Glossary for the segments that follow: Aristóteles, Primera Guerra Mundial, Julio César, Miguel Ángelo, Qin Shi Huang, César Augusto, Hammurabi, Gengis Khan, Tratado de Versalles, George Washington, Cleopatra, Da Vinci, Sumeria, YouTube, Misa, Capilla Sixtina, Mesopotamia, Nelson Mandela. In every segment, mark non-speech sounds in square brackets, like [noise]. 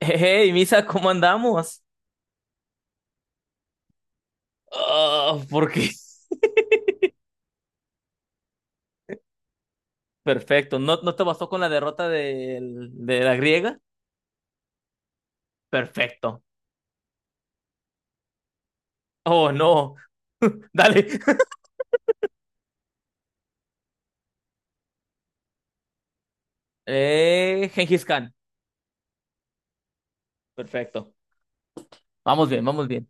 Hey, Misa, ¿cómo andamos? Ah, ¿por qué? [laughs] Perfecto. ¿No, no te bastó con la derrota de la griega? Perfecto. Oh, no. [laughs] Dale. Gengis Khan. Perfecto. Vamos bien, vamos bien.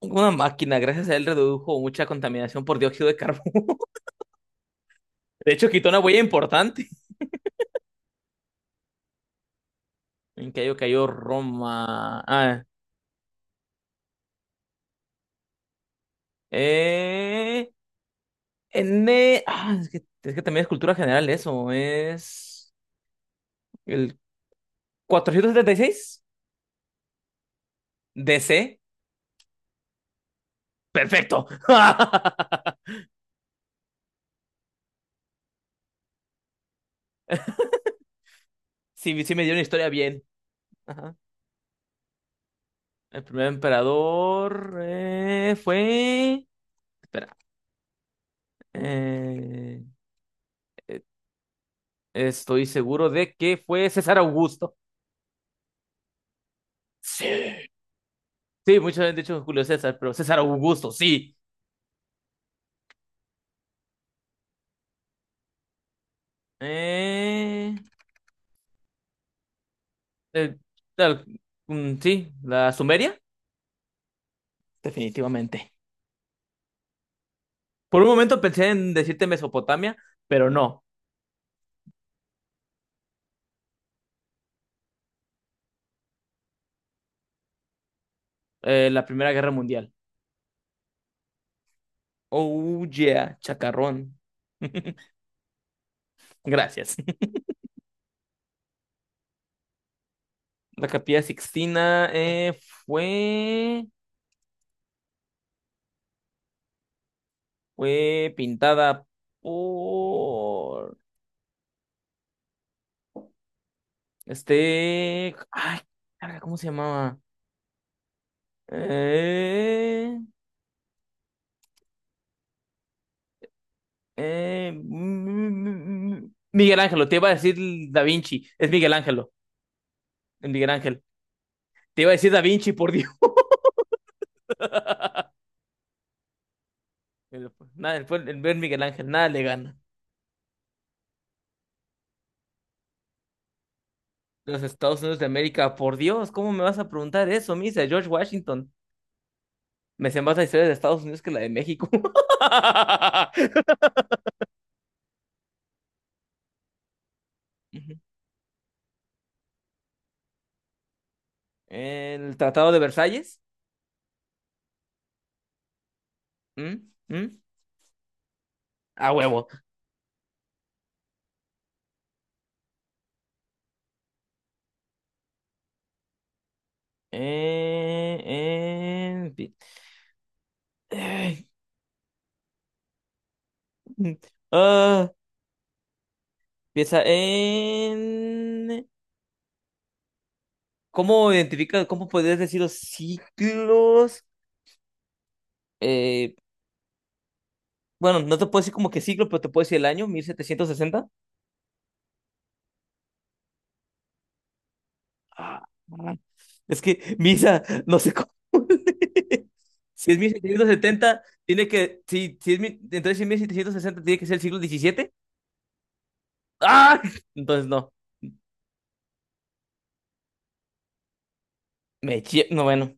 Una máquina, gracias a él redujo mucha contaminación por dióxido de carbono. [laughs] De hecho, quitó una huella importante. Cayó Roma. Ah, eh, N. Ah, es que también es cultura general eso. Es. El 476 DC. Perfecto. [laughs] Sí, sí me dio una historia bien. Ajá. El primer emperador fue. Espera. eh, eh, Estoy seguro de que fue César Augusto. Sí. Sí, muchos han dicho Julio César, pero César Augusto, sí. Eh, el- el- sí, la Sumeria. Definitivamente. Por un momento pensé en decirte Mesopotamia, pero no. La Primera Guerra Mundial. Oh yeah, chacarrón. [laughs] Gracias. La Capilla Sixtina fue, fue pintada por este. Ay, carga, ¿cómo se llamaba? Eh, Miguel Ángelo, te iba a decir Da Vinci. Es Miguel Ángelo, el Miguel Ángel. Te iba a decir Da Vinci, por Dios. Nada, el Miguel Ángel, nada le gana. Los Estados Unidos de América, por Dios, ¿cómo me vas a preguntar eso, Misa? George Washington. Me sé más la historia de Estados Unidos que la de México. [laughs] Ujú. El Tratado de Versalles. ¿Mm? ¿Mm? A huevo. Eh, en pi- Ay. Ah, piensa en. ¿Cómo identifica, cómo podrías decir los ciclos? Eh, bueno, no te puedo decir como que ciclo, pero te puedo decir el año, 1760. Ah, es que Misa, no sé cómo. [laughs] Si es 1770 tiene que. Si es mil entonces, si es 1760 tiene que ser el siglo 17. ¡Ah! Entonces, no. No, bueno.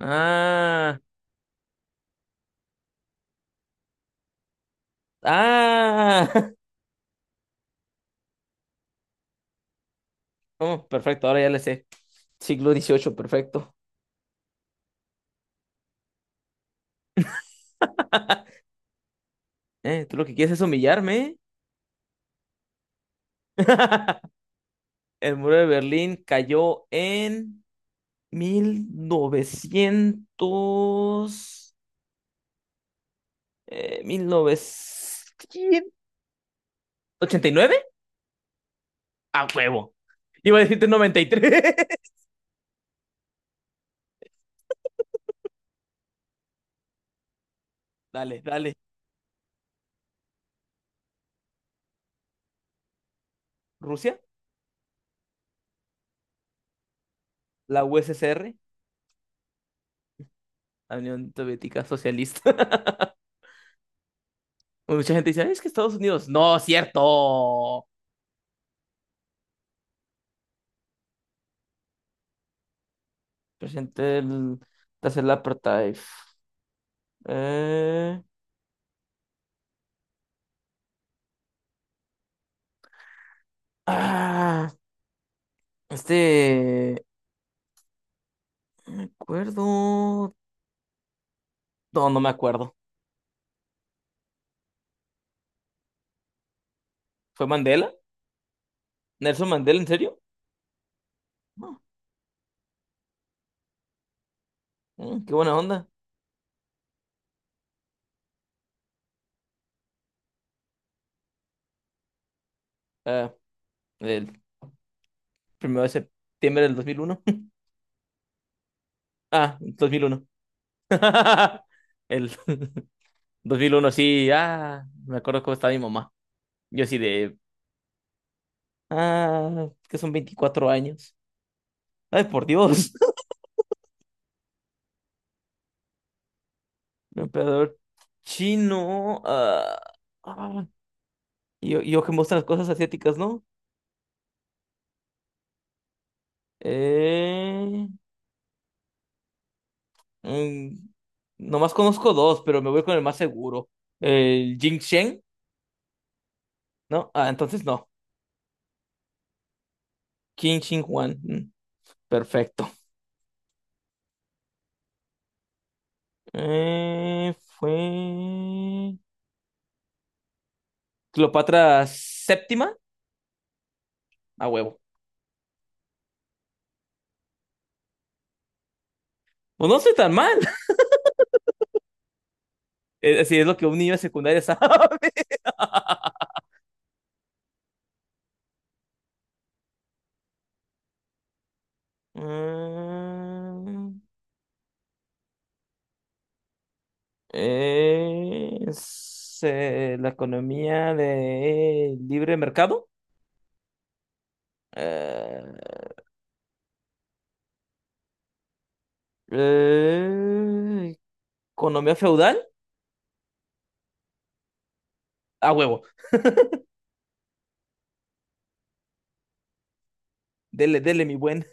Ah. Ah. [laughs] Oh, perfecto, ahora ya le sé. Siglo 18, perfecto. Tú lo que quieres es humillarme. [laughs] El muro de Berlín cayó en 1900 mil novecientos ochenta y nueve. A huevo. Iba a decirte 93. [laughs] Dale, dale. Rusia, la USSR, la Unión Soviética Socialista. [laughs] Mucha gente dice, es que Estados Unidos. No, cierto. Presidente el tercer apartheid. Eh... Ah, este. No me acuerdo. No, no me acuerdo. ¿Fue Mandela? ¿Nelson Mandela, en serio? No. Qué buena onda. Ah, el primero de septiembre del 2001. [laughs] Ah, 2001. [laughs] El [laughs] 2001, sí, me acuerdo cómo estaba mi mamá. Yo así de, que son 24 años. Ay, por Dios. [laughs] Un Emperador chino. Ah. Y yo que muestro las cosas asiáticas, ¿no? Eh, mm, Nomás conozco dos, pero me voy con el más seguro. El Jing Sheng, ¿no? Ah, entonces no. Qin Shi Huang. Perfecto. Fue. Cleopatra VII, a huevo. Pues no soy tan mal. [laughs] Así es lo que un niño de secundaria sabe. [laughs] Mm, la economía de libre mercado. Eh, eh, Economía feudal. A huevo. Dele, dele, mi buen.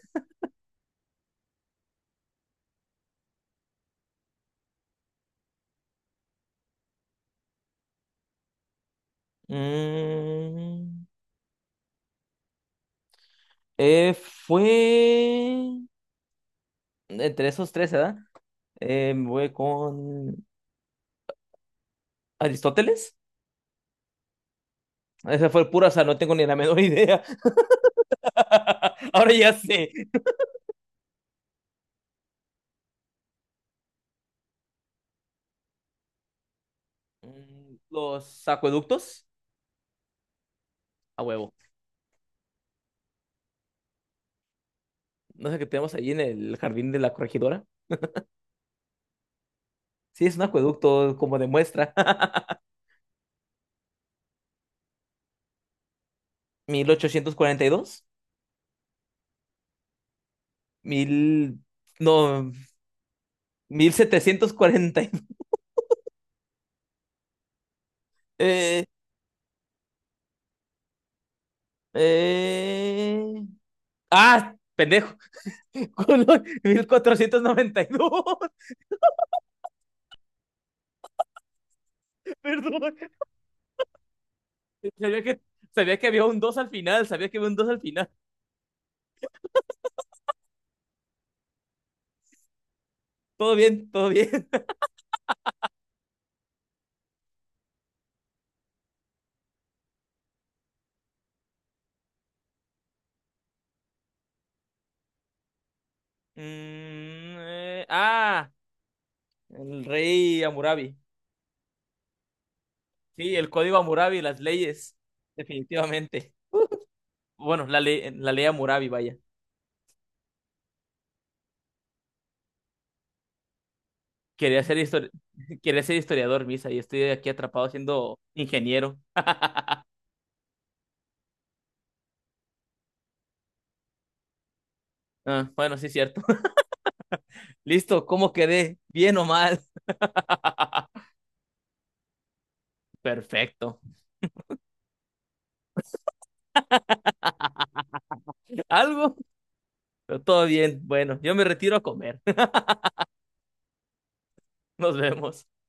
Mm, Fue entre esos tres, ¿verdad? Me voy con Aristóteles. Esa fue pura, o sea, no tengo ni la menor idea. [laughs] Ahora ya sé. Los acueductos, a huevo. No sé qué tenemos ahí en el jardín de la corregidora. Sí, es un acueducto, como demuestra. [laughs] 1842 mil. No, 1742. [laughs] Eh, eh... Ah, pendejo. [laughs] 1492. [laughs] Perdón. Sabía que, sabía que había un 2 al final, sabía que había un dos al final. Todo bien, todo bien. Mm, eh, ah, el rey Hammurabi. Sí, el código Hammurabi, las leyes, definitivamente. Bueno, la ley Hammurabi, vaya. Quería ser histori- [laughs] Quería ser historiador, Misa, y estoy aquí atrapado siendo ingeniero. Ah, bueno, sí, es cierto. [laughs] Listo, ¿cómo quedé? ¿Bien o mal? [laughs] Perfecto. ¿Algo? Pero todo bien. Bueno, yo me retiro a comer. [laughs] Nos vemos.